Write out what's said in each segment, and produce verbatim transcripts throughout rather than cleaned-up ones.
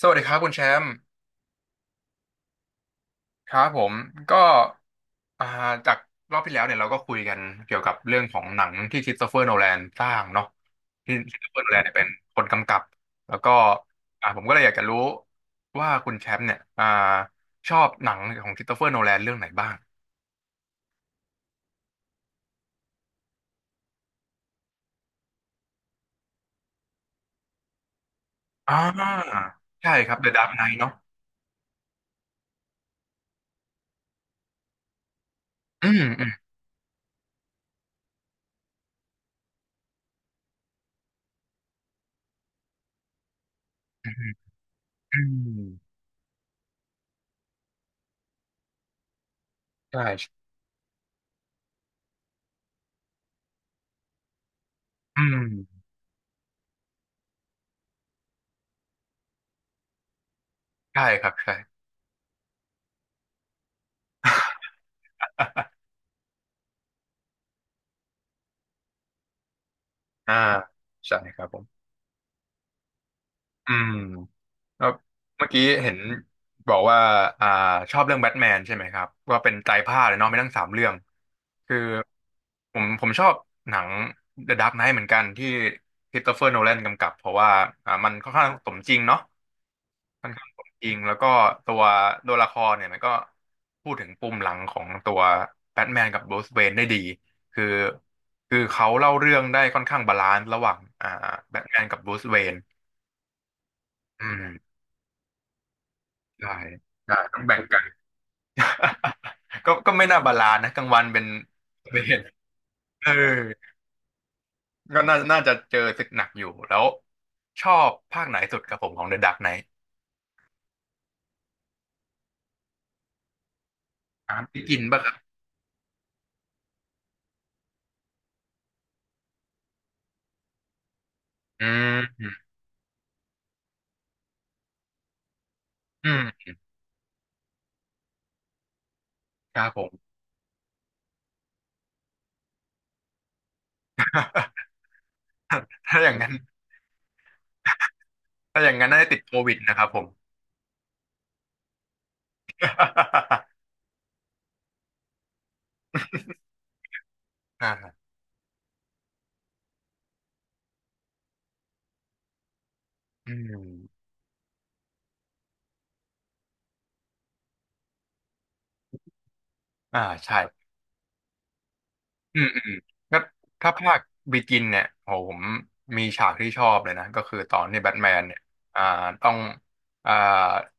สวัสดีครับคุณแชมป์ครับผมก็อ่าจากรอบที่แล้วเนี่ยเราก็คุยกันเกี่ยวกับเรื่องของหนังที่คริสโตเฟอร์โนแลนสร้างเนาะที่คริสโตเฟอร์โนแลนเนี่ยเป็นคนกำกับแล้วก็อ่าผมก็เลยอยากจะรู้ว่าคุณแชมป์เนี่ยอ่าชอบหนังของคริสโตเฟอร์โนแลนเรื่องไหนบ้างอ่าใช่ครับ The Dark Knight เนาะอืมอืมอืมอืมใช่อืมใช่ครับใช่ อ่าใช่ครับผมอืม แล้วเมื่อกี้เห็นบอกว่าอ่าชอบเรื่องแบทแมนใช่ไหมครับว่าเป็นไตรภาคเลยเนาะไม่ทั้งสามเรื่องคือผมผมชอบหนัง The Dark Knight เหมือนกันที่ค h ตส s t เฟอร์โนแลนกำกับเพราะว่าอ่ามันค่อนข้างสมจริงเนาะค่อนข้างสมจริงแล้วก็ตัวตัวละครเนี่ยมันก็พูดถึงปมหลังของตัวแบทแมนกับ Bruce Wayne ได้ดีคือคือเขาเล่าเรื่องได้ค่อนข้างบาลานซ์ระหว่างอ่าแบทแมนกับบ r ู c เ w a อืมใช่อ่าต้องแบ่งกัน ก็ก็ไม่น่าบาลานซ์นะกลางวันเป็นเป็นเออก็น่าน่าจะเจอศึกหนักอยู่แล้วชอบภาคไหนสุดครับผมของ The Dark Knight อ่านไดกินป่ะครับอืมอืมครับผม ถ้าอย่างนั้นถ้าอย่างนั้นน่าจะติดโควิดนะครับผม อ่าอืมอ่าใช่ อืมอืมก็ถ้าภาคบิกินเนี่ยโหผมมีฉากที่ชอบเลยนะก็คือตอนที่แบทแมนเนี่ยอ่าต้องอ่า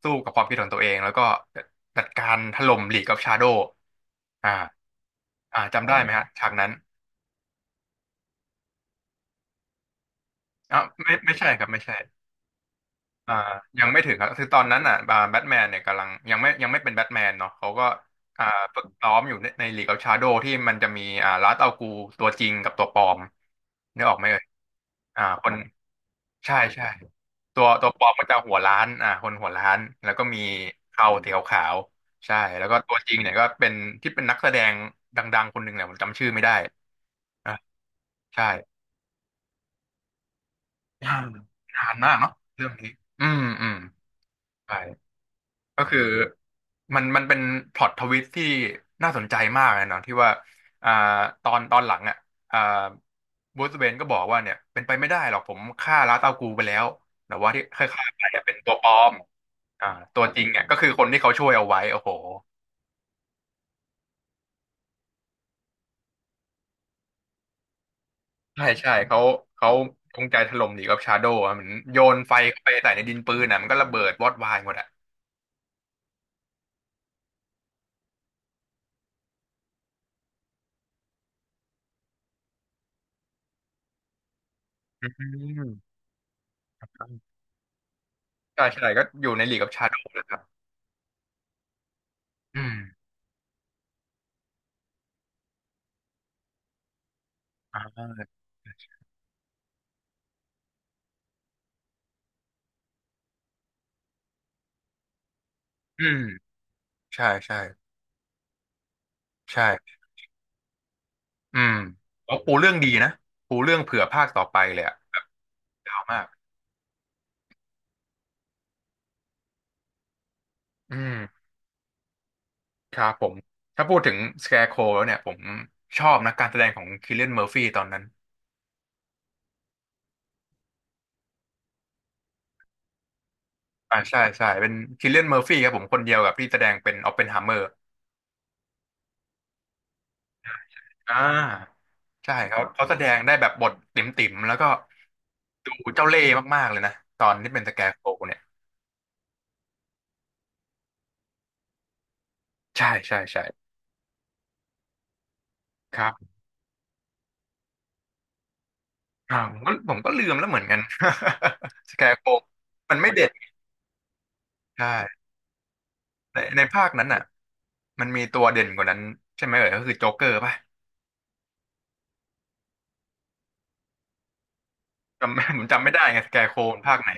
สู้กับความคิดของตัวเองแล้วก็จัดการถล่มลีกออฟชาโดว์อ่าอ่าจำได้ไหมฮะฉากนั้นอ่ะไม่ไม่ใช่ครับไม่ใช่อ่ายังไม่ถึงครับคือตอนนั้นอ่ะแบทแมนเนี่ยกำลังยังไม่ยังไม่เป็นแบทแมนเนาะเขาก็อ่าฝึกซ้อมอยู่ในในลีก e of ชาโด o w ที่มันจะมีอ่าลาสอัลกูตัวจริงกับตัวปลอมนึกออกไหมเอ่ยอ่าคน ใช่ใช่ตัวตัวปลอมก็จะหัวล้านอ่าคนหัวล้านแล้วก็มีเทาสีขาวๆใช่แล้วก็ตัวจริงเนี่ยก็เป็นที่เป็นนักแสดงดังๆคนหนึ่งแหละผมจำชื่อไม่ได้อ่ะใช่นานนานมากเนาะเรื่องนี้อืมอืมใช่ก็คือมันมันเป็นพล็อตทวิสที่น่าสนใจมากเลยเนาะที่ว่าอ่าตอนตอนหลังอ่ะอ่าบรูซเวย์นก็บอกว่าเนี่ยเป็นไปไม่ได้หรอกผมฆ่าลาตากูไปแล้วแต่ว่าที่เคยฆ่าไปเนี่ยเป็นตัวปลอม อ่าตัวจริงเนี่ยก็คือคนที่เขาช่วยเอาไว้โอ้โหใช่ใช่เขาเขาจงใจถล่มหนีกับชาโดว์อะเหมือนโยนไฟเข้าไปใส่ในดินปืนอ่ะมันก็ระเบิดวอดวายหมดอ่ะอืมใช่ใช่ก็อยู่ในลีกกับชาโดว์นะครับอืมอ่าอืมใช่ใช่ใช่อืมเขาปูเรื่องดีนะปูเรื่องเผื่อภาคต่อไปเลยอ่ะยาวมากอืมครับผมถ้าพูดถึงสแคร์โค w แล้วเนี่ยผมชอบนะการแสดงของคิลเลียนเมอร์ฟี่ตอนนั้น อ่าใช่ใช่เป็นคิลเลียนเมอร์ฟี่ครับผมคนเดียวกับที่แสดงเป็นออปเพนไฮเมอร์อ่าใช่เขาเขาแสดงได้แบบบทติ่มๆแล้วก็ดูเจ้าเล่ห์มากๆเลยนะตอนที่เป็นสแกร์โครว์เนี่ยใช่ใช่ใช่ครับอ่าผมก็ผมก็ลืมแล้วเหมือนกัน สแกร์โครว์มันไม่เด่นใช่ในในภาคนั้นอ่ะมันมีตัวเด่นกว่านั้นใช่ไหมเอ่ยก็คือโจ๊กเกอร์ป่ะจำ ผมจำไม่ได้ไงสแกร์โครว์ภาคไหน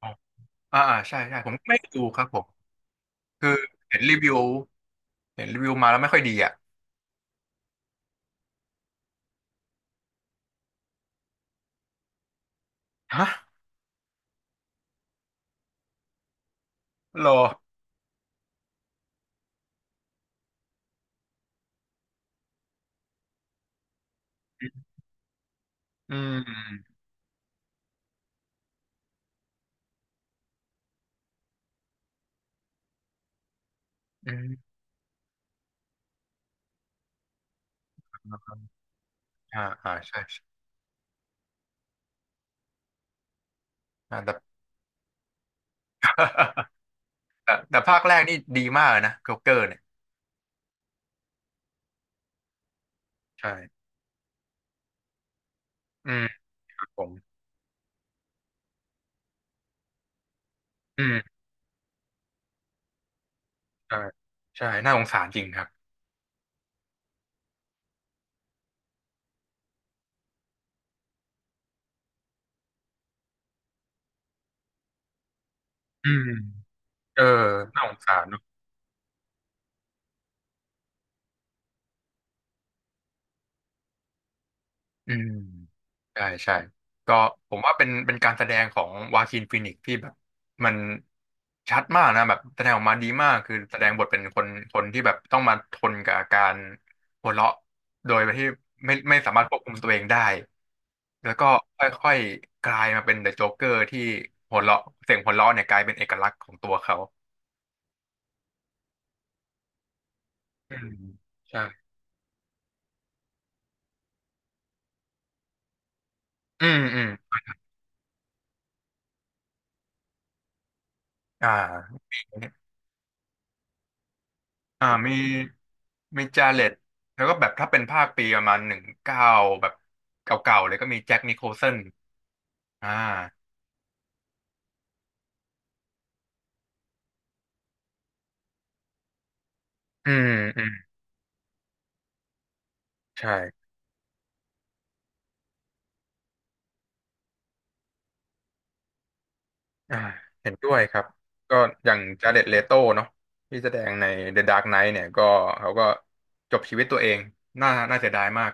อ๋ออ่าอ่าใช่ใช่ผมไม่ดูครับผมคือเห็นรีวิวเห็นรีวิวมาแล้วไม่ค่อยดีอ่ะ ฮะโลอืมอืมอ่าอ่าใช่ใช่อ่าแต่ แต่แต่ภาคแรกนี่ดีมากเลยนะโจ๊กเกอร์เนี่ยใช่อืมครับผมอืมใช่ใช่น่าสงสารจริงครับอืมเออน่าสงสาร อืมใช่ใช่ก็ผมว่าเป็นเป็นการแสดงของวาคินฟีนิกซ์ที่แบบมันชัดมากนะแบบแสดงออกมาดีมากคือแสดงบทเป็นคนคนที่แบบต้องมาทนกับอาการหัวเราะโดยที่ไม่ไม่สามารถควบคุมตัวเองได้แล้วก็ค่อยๆกลายมาเป็นเดอะโจ๊กเกอร์ที่หัวเราะเสียงหัวเราะเนี่ยกลายเป็นเอกลักษณ์ของตัวเขาอืมใช่อืมอืมอ่า อ่ามีมีจาเล็ตแล้วก็แบบถ้าเป็นภาคปีประมาณหนึ่งเก้าแบบเก่าๆเลยก็มีแจ็คนิโคลสันอ่าอืมอืมใช่อ่าเห็นด้วยครับก็อย่างจาเด็ตเลโตเนาะที่แสดงใน The Dark Knight เนี่ยก็เขาก็จบชีวิตตัวเองน่าน่าเสียดายมาก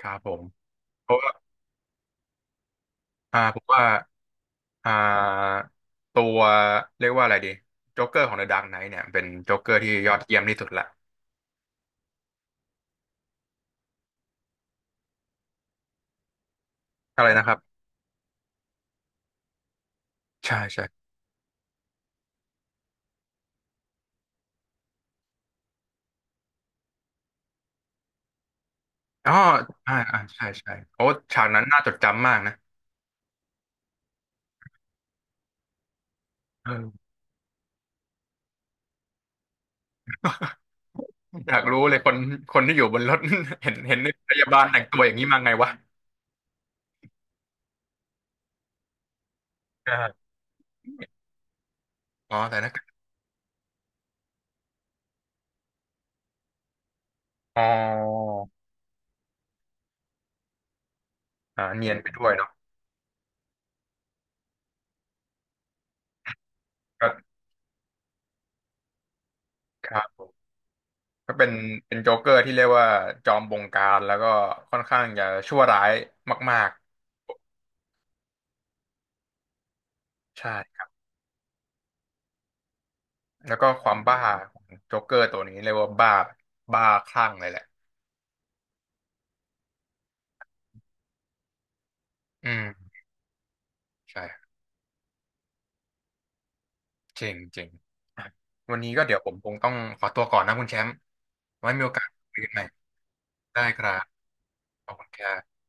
ครับผมเพราะว่าอ่าผมว่าอ่าตัวเรียกว่าอะไรดีโจ๊กเกอร์ของ The Dark Knight เนี่ยเป็นโจ๊กเกอร์ที่ยอดเยี่ยมที่สุดละอะไรนะครับใช่ใช่ อ๋ออ่าอ่าใช่ใช่โอ้ฉากนั้นน่าจดจำมากนะเออ อยากรู้เลยคนคนที่อยู่บนรถ เห็นเห็นพยาบาลแต่งตัวอย่างนี้มาไงวะอาอ๋อแต่นะอ๋ออ่าเนียนไปด้วยเนาะก็ครับผมก็เป็นเป็นโจ๊กเกอร์ที่เรียกว่าจอมบงการแล้วก็ค่อนข้างจะชั่วร้ายมากๆใช่ครับแล้วก็ความบ้าของโจ๊กเกอร์ตัวนี้เรียกว่าบ้าบ้าคลั่งเลยแหละอืมใช่ เจ๋งเจ๋งอ่ะวันนี้ก็เดี๋ยวผมคงต้องขอตัวก่อนนะคุณแชมป์ไว้มีโอกาสคุยกันใหม่ได้ครับขอบคุณครับ